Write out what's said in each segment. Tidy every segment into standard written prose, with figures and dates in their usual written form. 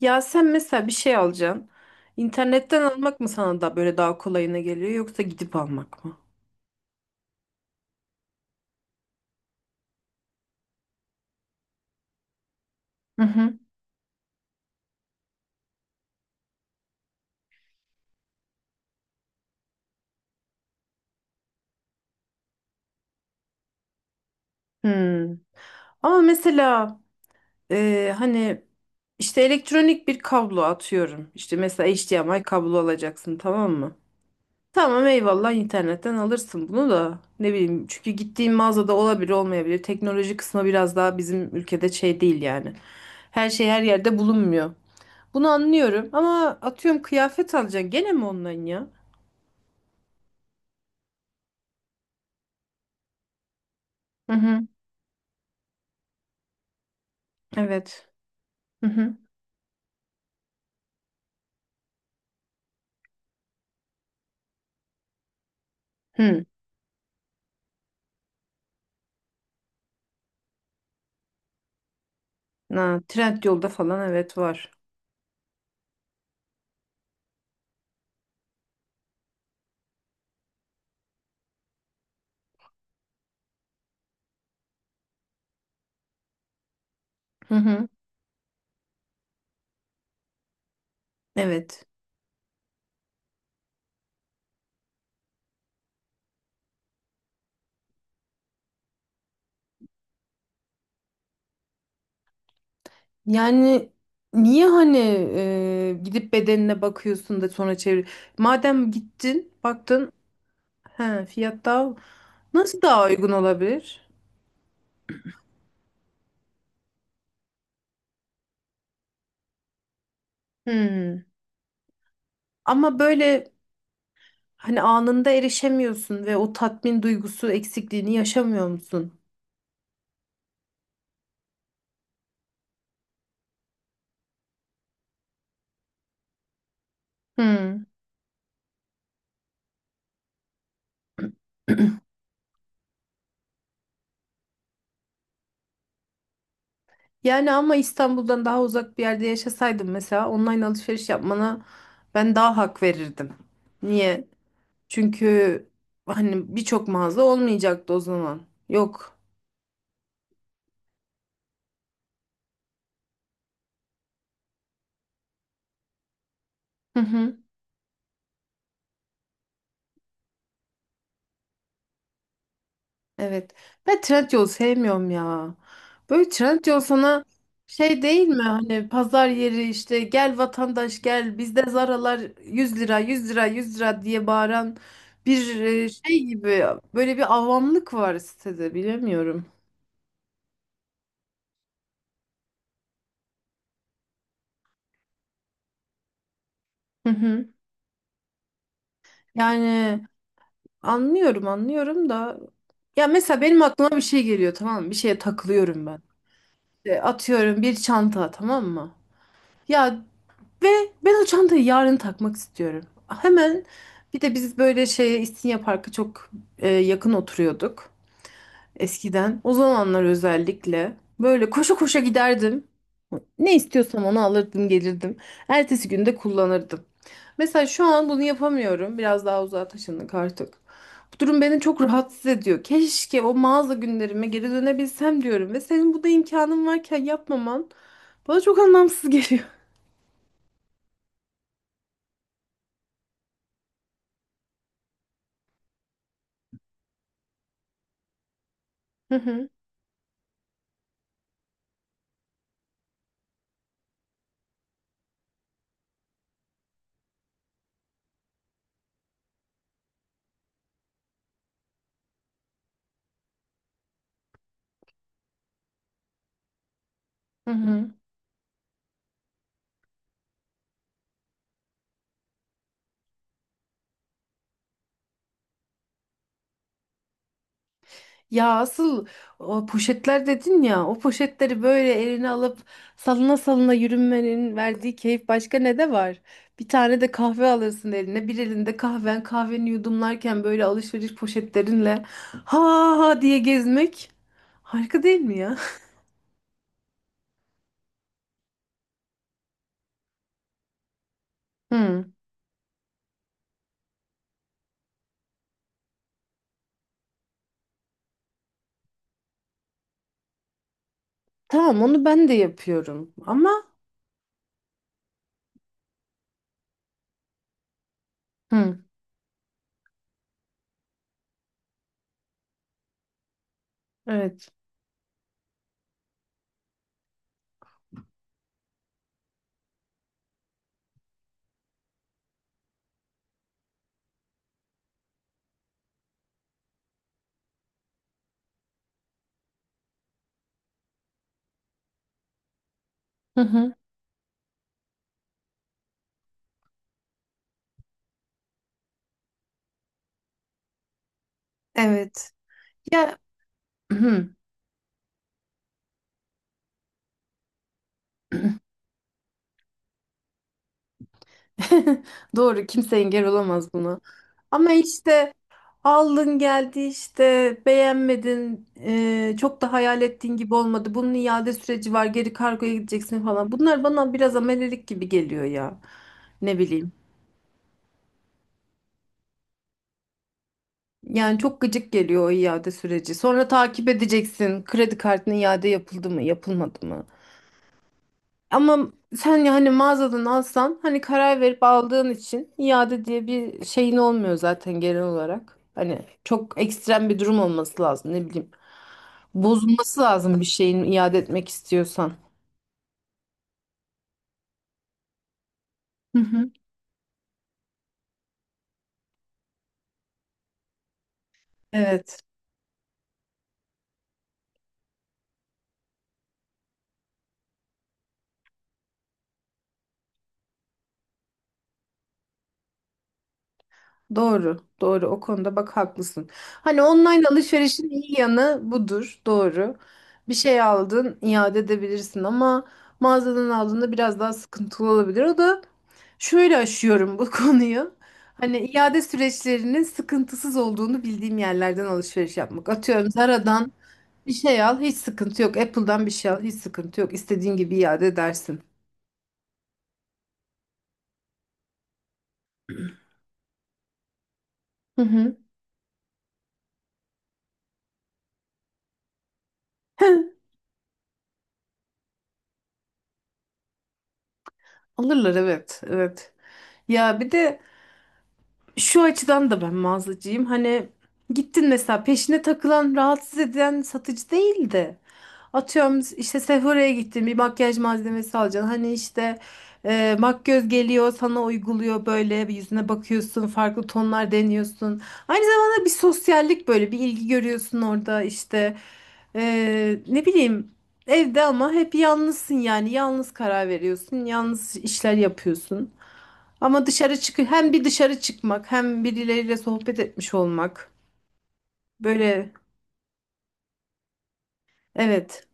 Ya sen mesela bir şey alacaksın. İnternetten almak mı sana da böyle daha kolayına geliyor yoksa gidip almak mı? Hı hı. Hmm. Ama mesela hani işte elektronik bir kablo atıyorum. İşte mesela HDMI kablo alacaksın, tamam mı? Tamam, eyvallah, internetten alırsın bunu da, ne bileyim, çünkü gittiğin mağazada olabilir, olmayabilir. Teknoloji kısmı biraz daha bizim ülkede şey değil yani. Her şey her yerde bulunmuyor. Bunu anlıyorum ama atıyorum kıyafet alacaksın, gene mi online ya? Hı hı. Evet. Hı hı. Hı. Na, Trendyol'da falan evet var. Hı hı. Evet. Yani niye, hani gidip bedenine bakıyorsun da sonra çevir. Madem gittin, baktın, he, fiyat daha nasıl daha uygun olabilir? Hı. Ama böyle, hani, anında erişemiyorsun ve o tatmin duygusu eksikliğini yaşamıyor musun? Hı. Yani ama İstanbul'dan daha uzak bir yerde yaşasaydım mesela, online alışveriş yapmana ben daha hak verirdim. Niye? Çünkü hani birçok mağaza olmayacaktı o zaman. Yok. Hı hı. Evet. Ben Trendyol sevmiyorum ya. Böyle Trendyol sana şey değil mi? Hani pazar yeri, işte gel vatandaş gel bizde Zara'lar 100 lira 100 lira 100 lira diye bağıran bir şey gibi, böyle bir avamlık var sitede, bilemiyorum. Hı hı. Yani anlıyorum, anlıyorum da, ya mesela benim aklıma bir şey geliyor, tamam mı? Bir şeye takılıyorum ben. İşte atıyorum bir çanta, tamam mı? Ya ve ben o çantayı yarın takmak istiyorum. Hemen. Bir de biz böyle şey, İstinye Park'a çok yakın oturuyorduk eskiden. O zamanlar özellikle böyle koşa koşa giderdim. Ne istiyorsam onu alırdım, gelirdim. Ertesi günde kullanırdım. Mesela şu an bunu yapamıyorum. Biraz daha uzağa taşındık artık. Bu durum beni çok rahatsız ediyor. Keşke o mağaza günlerime geri dönebilsem diyorum. Ve senin bu da imkanın varken yapmaman bana çok anlamsız geliyor. Hı hı. Hı hı. Ya asıl, o poşetler dedin ya, o poşetleri böyle eline alıp salına salına yürünmenin verdiği keyif başka ne de var? Bir tane de kahve alırsın eline, bir elinde kahven, kahveni yudumlarken böyle alışveriş poşetlerinle ha ha diye gezmek harika değil mi ya? Hı. Tamam, onu ben de yapıyorum ama hı. Evet. Hı hı. Evet. Ya doğru, kimse engel olamaz buna. Ama işte aldın geldi işte, beğenmedin, çok da hayal ettiğin gibi olmadı. Bunun iade süreci var, geri kargoya gideceksin falan. Bunlar bana biraz amelelik gibi geliyor ya. Ne bileyim. Yani çok gıcık geliyor o iade süreci. Sonra takip edeceksin. Kredi kartının iade yapıldı mı, yapılmadı mı? Ama sen yani mağazadan alsan, hani karar verip aldığın için iade diye bir şeyin olmuyor zaten genel olarak. Hani çok ekstrem bir durum olması lazım, ne bileyim. Bozulması lazım bir şeyin iade etmek istiyorsan. Hı hı. Evet. Doğru, doğru. O konuda bak haklısın. Hani online alışverişin iyi yanı budur, doğru. Bir şey aldın, iade edebilirsin ama mağazadan aldığında biraz daha sıkıntılı olabilir. O da şöyle, aşıyorum bu konuyu. Hani iade süreçlerinin sıkıntısız olduğunu bildiğim yerlerden alışveriş yapmak. Atıyorum Zara'dan bir şey al, hiç sıkıntı yok. Apple'dan bir şey al, hiç sıkıntı yok. İstediğin gibi iade edersin. Hı hı. Alırlar, evet, evet. Ya bir de şu açıdan da ben mağazacıyım. Hani gittin mesela, peşine takılan, rahatsız eden satıcı değil de. Atıyorum işte Sephora'ya gittin, bir makyaj malzemesi alacaksın. Hani işte makyöz geliyor sana, uyguluyor böyle, bir yüzüne bakıyorsun, farklı tonlar deniyorsun. Aynı zamanda bir sosyallik, böyle bir ilgi görüyorsun orada işte. Ne bileyim, evde ama hep yalnızsın yani, yalnız karar veriyorsun, yalnız işler yapıyorsun. Ama dışarı çık, hem bir dışarı çıkmak hem birileriyle sohbet etmiş olmak. Böyle, evet.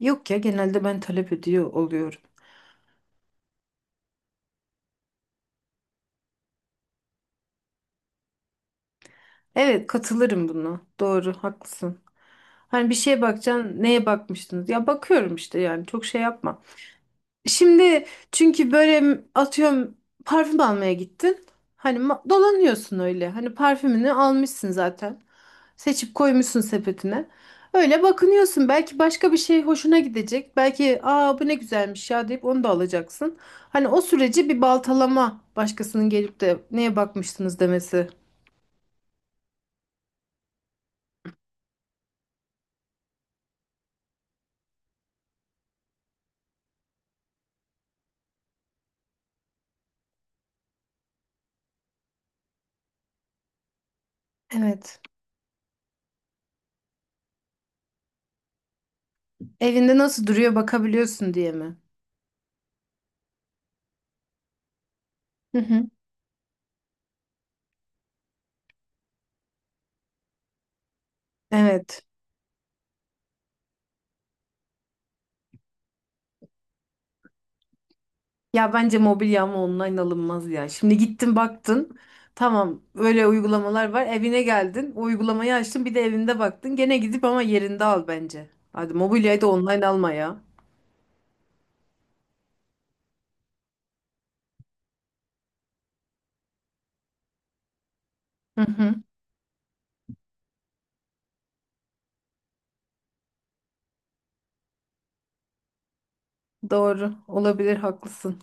Yok ya, genelde ben talep ediyor oluyorum. Evet, katılırım buna. Doğru, haklısın. Hani bir şeye bakacaksın, neye bakmıştınız? Ya bakıyorum işte, yani çok şey yapma. Şimdi, çünkü böyle atıyorum parfüm almaya gittin. Hani ma- dolanıyorsun öyle. Hani parfümünü almışsın zaten. Seçip koymuşsun sepetine. Öyle bakınıyorsun. Belki başka bir şey hoşuna gidecek. Belki aa bu ne güzelmiş ya deyip onu da alacaksın. Hani o süreci bir baltalama, başkasının gelip de neye bakmıştınız demesi. Evet. Evinde nasıl duruyor bakabiliyorsun diye mi? Hı hı. Evet. Ya bence mobilya ama online alınmaz ya. Şimdi gittin, baktın. Tamam, öyle uygulamalar var. Evine geldin. O uygulamayı açtın, bir de evinde baktın. Gene gidip ama yerinde al bence. Hadi mobilyayı da online alma ya. Hı hı. Doğru. Olabilir, haklısın.